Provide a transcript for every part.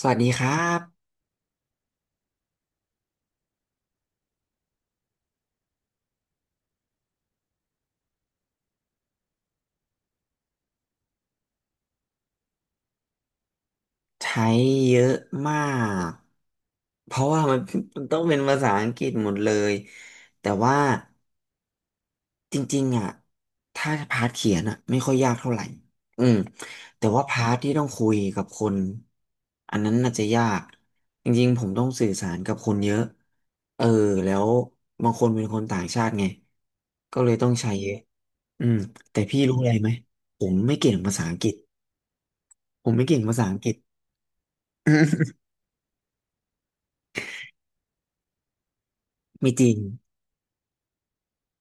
สวัสดีครับใช้เยอะมากเพราะว่ามันต้องเป็นภาษาอังกฤษหมดเลยแต่ว่าจริงๆอ่ะถ้าพาร์ทเขียนอ่ะไม่ค่อยยากเท่าไหร่อืมแต่ว่าพาร์ทที่ต้องคุยกับคนอันนั้นน่าจะยากจริงๆผมต้องสื่อสารกับคนเยอะเออแล้วบางคนเป็นคนต่างชาติไงก็เลยต้องใช้เยอะอืมแต่พี่รู้อะไรไหมผมไม่เก่งภาษาอังกฤษผมไม่เก่งภาษาอังกฤษ มีจริง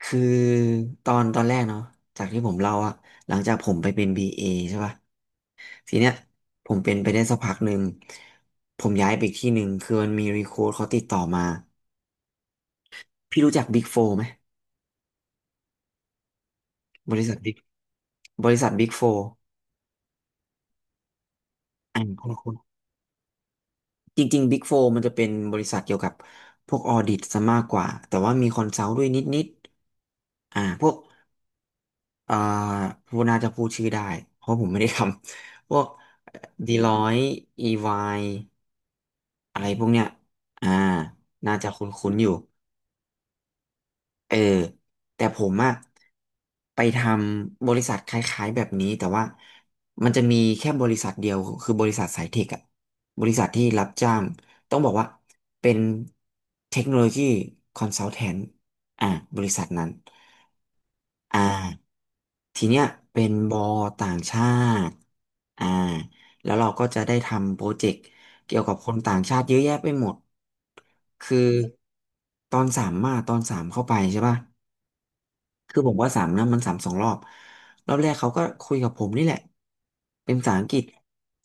คือตอนแรกเนาะจากที่ผมเล่าอะหลังจากผมไปเป็น BA ใช่ป่ะทีเนี้ยผมเป็นไปได้สักพักหนึ่ง ผมย้ายไปอีกที่หนึ่ง คือมันมีรีโค้ดเขาติดต่อมา พี่รู้จัก Big Four ไหม บริษัท Big บริษัท Big Four อ่านคุณคุณจริงๆ Big Four มันจะเป็นบริษัทเกี่ยวกับพวกออดิตซะมากกว่า แต่ว่ามีคอนซัลท์ด้วยนิดๆอ่าพวก อ่าพูดน่าจะพูดชื่อได้ เพราะผมไม่ได้ทำ พวกดีร้อยอีวายอะไรพวกเนี้ยอ่าน่าจะคุ้นๆอยู่ เออแต่ผมอะไปทำบริษัทคล้ายๆแบบนี้แต่ว่ามันจะมีแค่บริษัทเดียวคือบริษัทสายเทคอะบริษัทที่รับจ้างต้องบอกว่าเป็นเทคโนโลยีคอนซัลแทนอ่าบริษัทนั้นอ่าทีเนี้ยเป็นบอต่างชาติอ่าแล้วเราก็จะได้ทำโปรเจกต์ เกี่ยวกับคนต่างชาติเยอะแยะไปหมด คือตอนสามมาตอนสามเข้าไปใช่ป่ะคือผมว่าสามนะมันสามสองรอบรอบแรกเขาก็คุยกับผมนี่แหละเป็นภาษาอังกฤษ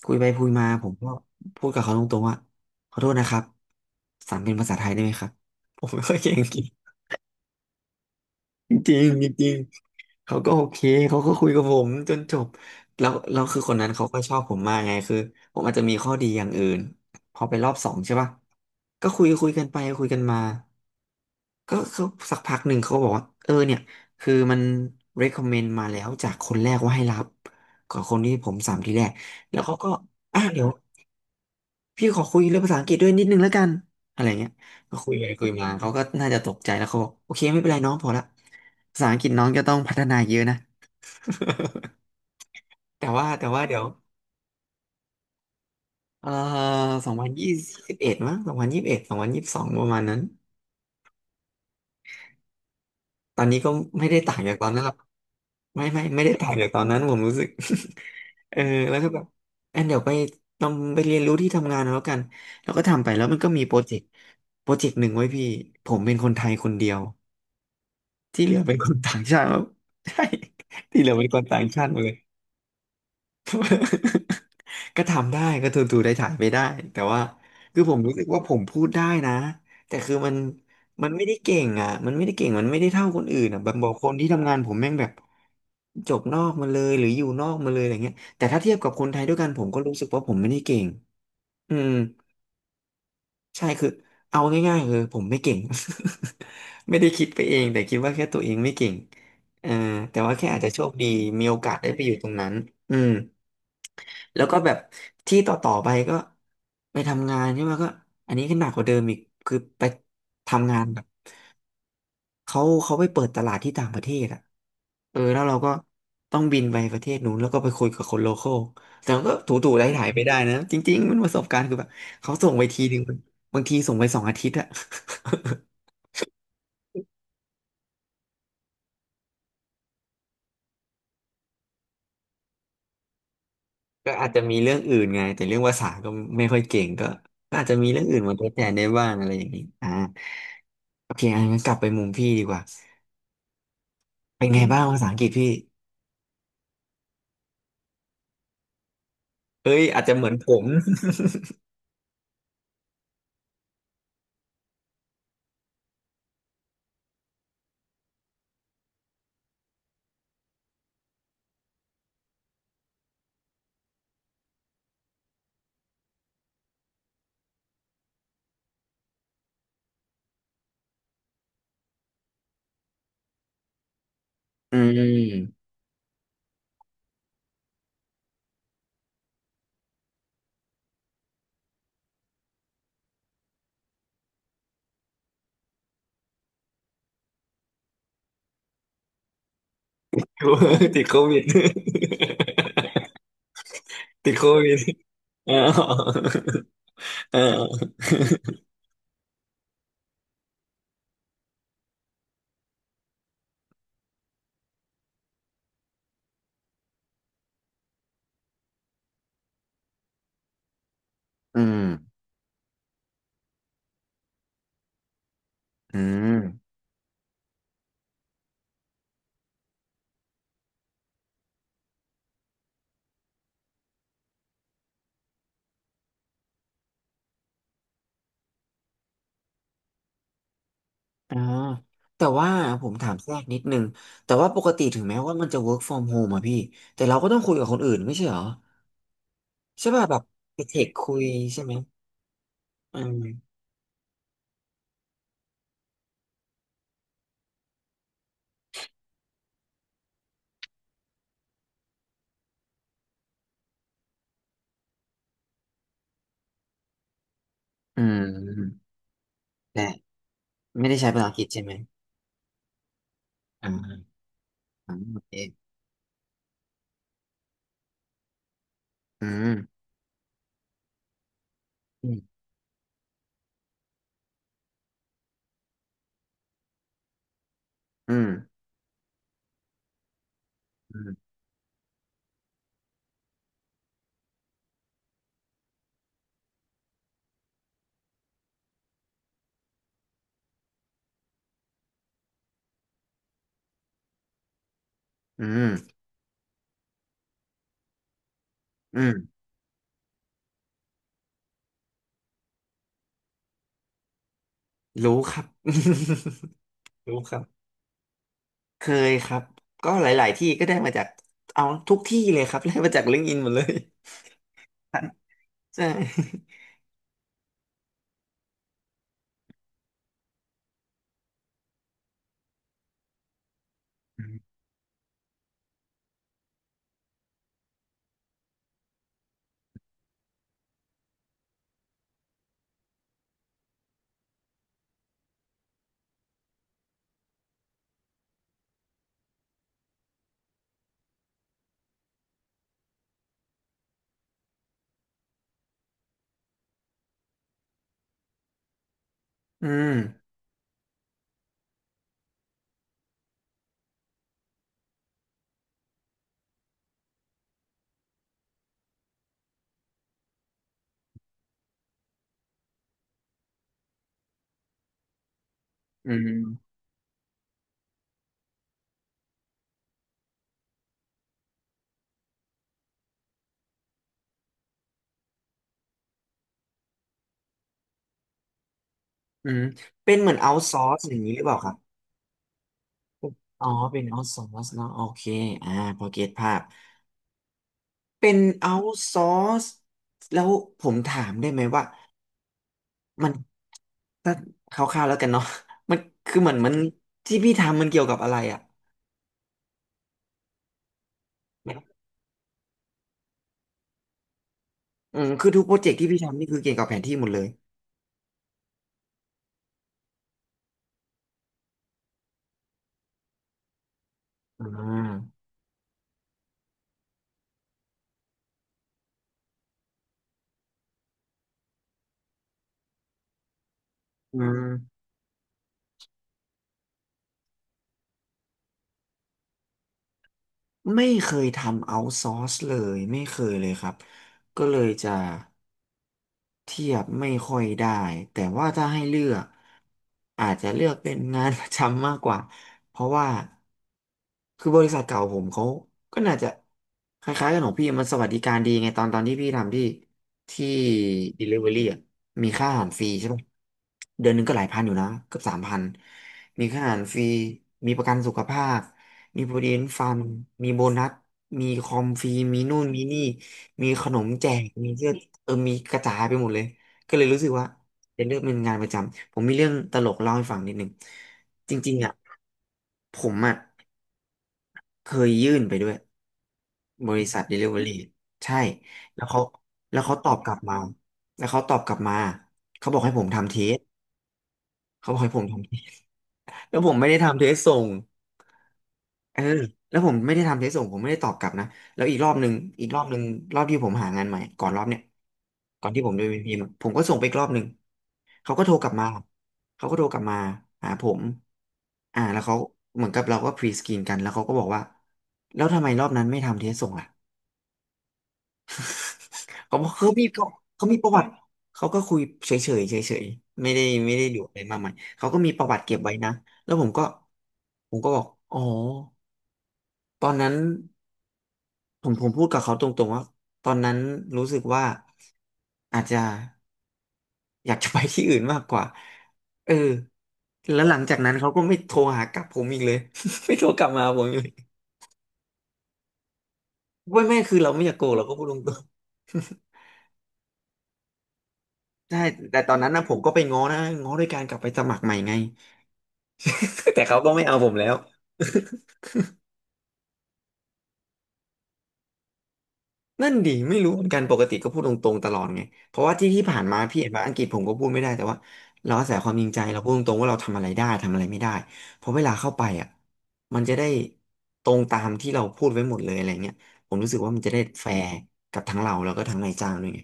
คุยไปคุยมาผมก็พูดกับเขาตรงๆว่าขอโทษนะครับสามเป็นภาษาไทยได้ไหมครับผมไม่ค่อยเก่งอังกฤษ จริงๆจริงๆเขาก็โอเคเขาก็คุยกับผมจนจบแล้วแล้วคือคนนั้นเขาก็ชอบผมมากไงคือผมอาจจะมีข้อดีอย่างอื่นพอไปรอบสองใช่ป่ะก็คุยกันไปคุยกันมาก็เขาสักพักหนึ่งเขาบอกว่า เออเนี่ยคือมัน recommend มาแล้วจากคนแรกว่าให้รับกับคนที่ผมสามทีแรกแล้วเขาก็อ่ะเดี๋ยว พี่ขอคุยเรื่องภาษาอังกฤษด้วยนิดนึงแล้วกันอะไรเงี้ยก็คุยไปคุยมาเขาก็น่าจะตกใจแล้วเขาบอกโอเคไม่เป็นไรน้องพอละภาษาอังกฤษน้องจะต้องพัฒนาเยอะนะ แต่ว่าเดี๋ยวเอ่อสองพันยี่สิบเอ็ดมั้งสองพันยี่สิบเอ็ด2022ประมาณนั้นตอนนี้ก็ไม่ได้ต่างจากตอนนั้นหรอกไม่ได้ต่างจากตอนนั้นผมรู้สึก เออแล้วก็แบบแอนเดี๋ยวไปต้องไปเรียนรู้ที่ทำงานเอาแล้วกันแล้วก็ทำไปแล้วมันก็มีโปรเจกต์โปรเจกต์หนึ่งไว้พี่ผมเป็นคนไทยคนเดียว ที่เหลือเป็นคนต่างชาติ หมดใช่ที่เหลือเป็นคนต่างชาติหมดเลย ก็ทำได้ก็ทูได้ถ่ายไปได้แต่ว่าคือผมรู้สึกว่าผมพูดได้นะแต่คือมันไม่ได้เก่งอ่ะมันไม่ได้เก่งมันไม่ได้เท่าคนอื่นอ่ะแบบบอกคนที่ทำงานผมแม่งแบบจบนอกมาเลยหรืออยู่นอกมาเลยอะไรเงี้ยแต่ถ้าเทียบกับคนไทยด้วยกันผมก็รู้สึกว่าผมไม่ได้เก่งอืม ใช่คือเอาง่ายๆคือผมไม่เก่ง ไม่ได้คิดไปเองแต่คิดว่าแค่ตัวเองไม่เก่งเออแต่ว่าแค่อาจจะโชคดีมีโอกาสได้ไปอยู่ตรงนั้นอืมแล้วก็แบบที่ต่อไปก็ไปทำงานใช่ไหมก็อันนี้ก็หนักกว่าเดิมอีกคือไปทำงานแบบเขาไปเปิดตลาดที่ต่างประเทศอ่ะเออแล้วเราก็ต้องบินไปประเทศนู้นแล้วก็ไปคุยกับคนโลคอลแต่มันก็ถูๆไถๆไปได้นะจริงๆมันประสบการณ์คือแบบเขาส่งไปทีหนึ่งบางทีส่งไป2 อาทิตย์อะ ก็อาจจะมีเรื่องอื่นไงแต่เรื่องภาษาก็ไม่ค่อยเก่งก็ก็อาจจะมีเรื่องอื่นมาทดแทนได้บ้างอะไรอย่างนี้อ่าโอเคอันนั้นกลับไปมุมพี่ดีกว่าเป็นไงบ้างภาษาอังกฤษพี่เอ้ยอาจจะเหมือนผมอืม ติดโควิด ติดโควิด อ๋อ เอออืมอืมอ่าแต่ว่าผมถามแทรกนิดนึงแต่ว่าปกติถึงแม้ว่ามันจะ work from home อะพี่แต่เราก็ต้องคุยกับคนอื่นไม่ใช่เหรอใช่ป่ะแบบไปเทคคุยใช่ไหมอืม อืมแต่ไม่ได้ใช้ภาษาอังกฤษใช่ไหมอ่าอ่าโอเคอืมอืมอืมอืมอืมอืมรู้ครับ รู้ครับเคยครับก็หลายๆที่ก็ได้มาจากเอาทุกที่เลยครับ ได้มาจากลิงก์อินหมดเลย ใช่อืมอืมอืมเป็นเหมือนเอาซอร์สอย่างนี้หรือเปล่าครับอ๋อเป็น out ซอร์สเนอะโอเคอ่าพอเก็ตภาพเป็นเอาซอร์สแล้วผมถามได้ไหมว่ามัน ถ้าคร่าวๆแล้วกันเนาะ มันคือเหมือนมันที่พี่ทำมันเกี่ยวกับอะไรอ่ะอืมคือทุกโปรเจกต์ที่พี่ทำนี่คือเกี่ยวกับแผนที่หมดเลยอืมอืมไม่เคยทำเอาท์ซอร์สเลยไม่เคยเลยครับก็เลยจะเทียบไม่ค่อยได้แต่ว่าถ้าให้เลือกอาจจะเลือกเป็นงานประจำมากกว่าเพราะว่าคือบริษัทเก่าผมเขาก็น่าจะคล้ายๆกันของพี่มันสวัสดิการดีไงตอนที่พี่ทำที่ ที่ Delivery อ่ะมีค่าอาหารฟรีใช่ป่ะเดือนหนึงก็หลายพันอยู่นะเกือบสามพันมีค่าอาหารฟรีมีประกันสุขภาพมี Provident Fund มีโบนัสมีคอมฟรีมีนู่นมีนี่มีขนมแจกมีเสื้อเออมีกระจายไปหมดเลยก็เลยรู้สึกว่าเป็นเรื่องเป็นงานประจำผมมีเรื่องตลกเล่าให้ฟังนิดนึงจริงๆอ่ะผมอ่ะ เคยยื่นไปด้วยบริษัท Delivery ใช่แล้วเขาแล้วเขาตอบกลับมาแล้วเขาตอบกลับมาเขาบอกให้ผมทำเทสเขาบอกให้ผมทำเทสแล้วผมไม่ได้ทำเทสส่ง เออแล้วผมไม่ได้ทำเทสส่งผมไม่ได้ตอบกลับนะแล้วอีกรอบหนึ่งอีกรอบหนึ่งรอบที่ผมหางานใหม่ก่อนรอบเนี้ยก่อนที่ผมจะไปพิมพ์อะผมก็ส่งไปอีกรอบหนึ่งเขาก็โทรกลับมาเขาก็โทรกลับมาหาผมอ่าแล้วเขาเหมือนกับเราก็พรีสกรีนกันแล้วเขาก็บอกว่าแล้วทำไมรอบนั้นไม่ทำเทสส่งอ่ะเขาบอกเขามีประวัติเขาก็คุยเฉยๆไม่ได้ดูอะไรมากมายเขาก็มีประวัติเก็บไว้นะแล้วผมก็ผมก็บอกอ๋อตอนนั้น ผมพูดกับเขาตรงๆว่าตอนนั้นรู้สึกว่าอาจจะอยากจะไปที่อื่นมากกว่าเออแล้วหลังจากนั้นเขาก็ไม่โทรหากลับผมอีกเลย ไม่โทรกลับมาหาผมอีกเลยไม่คือเราไม่อยากโกงเราก็พูดตรงๆ ใช่แต่ตอนนั้นนะผมก็ไปง้อนะง้อด้วยการกลับไปสมัครใหม่ไง แต่เขาก็ไม่เอาผมแล้ว นั่นดิไม่รู้เหมือนกันปกติก็พูดตรงๆตลอดไงเพราะว่าที่ที่ผ่านมาพี่เห็นว่าอังกฤษผมก็พูดไม่ได้แต่ว่าเราอาศัยความจริงใจเราพูดตรงๆว่าเราทำอะไรได้ทำอะไรไม่ได้เพราะเวลาเข้าไปอ่ะมันจะได้ตรงตามที่เราพูดไว้หมดเลยอะไรเงี้ยผมรู้สึกว่ามันจะได้แฟร์กับทั้งเราแล้วก็ทั้งนายจ้างด้วยไง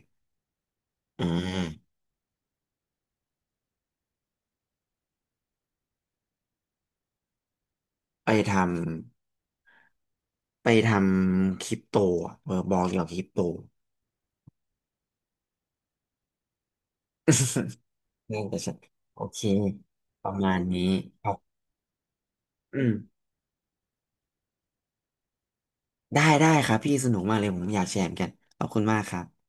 อ่าไปทำไปทำคริปโตอะเออบอกเกี่ยวกับคริปโต น่าจะใช่โอเคประมาณนี้ครับอืม ได้ได้ครับพี่สนุกมากเลยผมอยากแชร์เหมือนกันขอบคุณมากครับ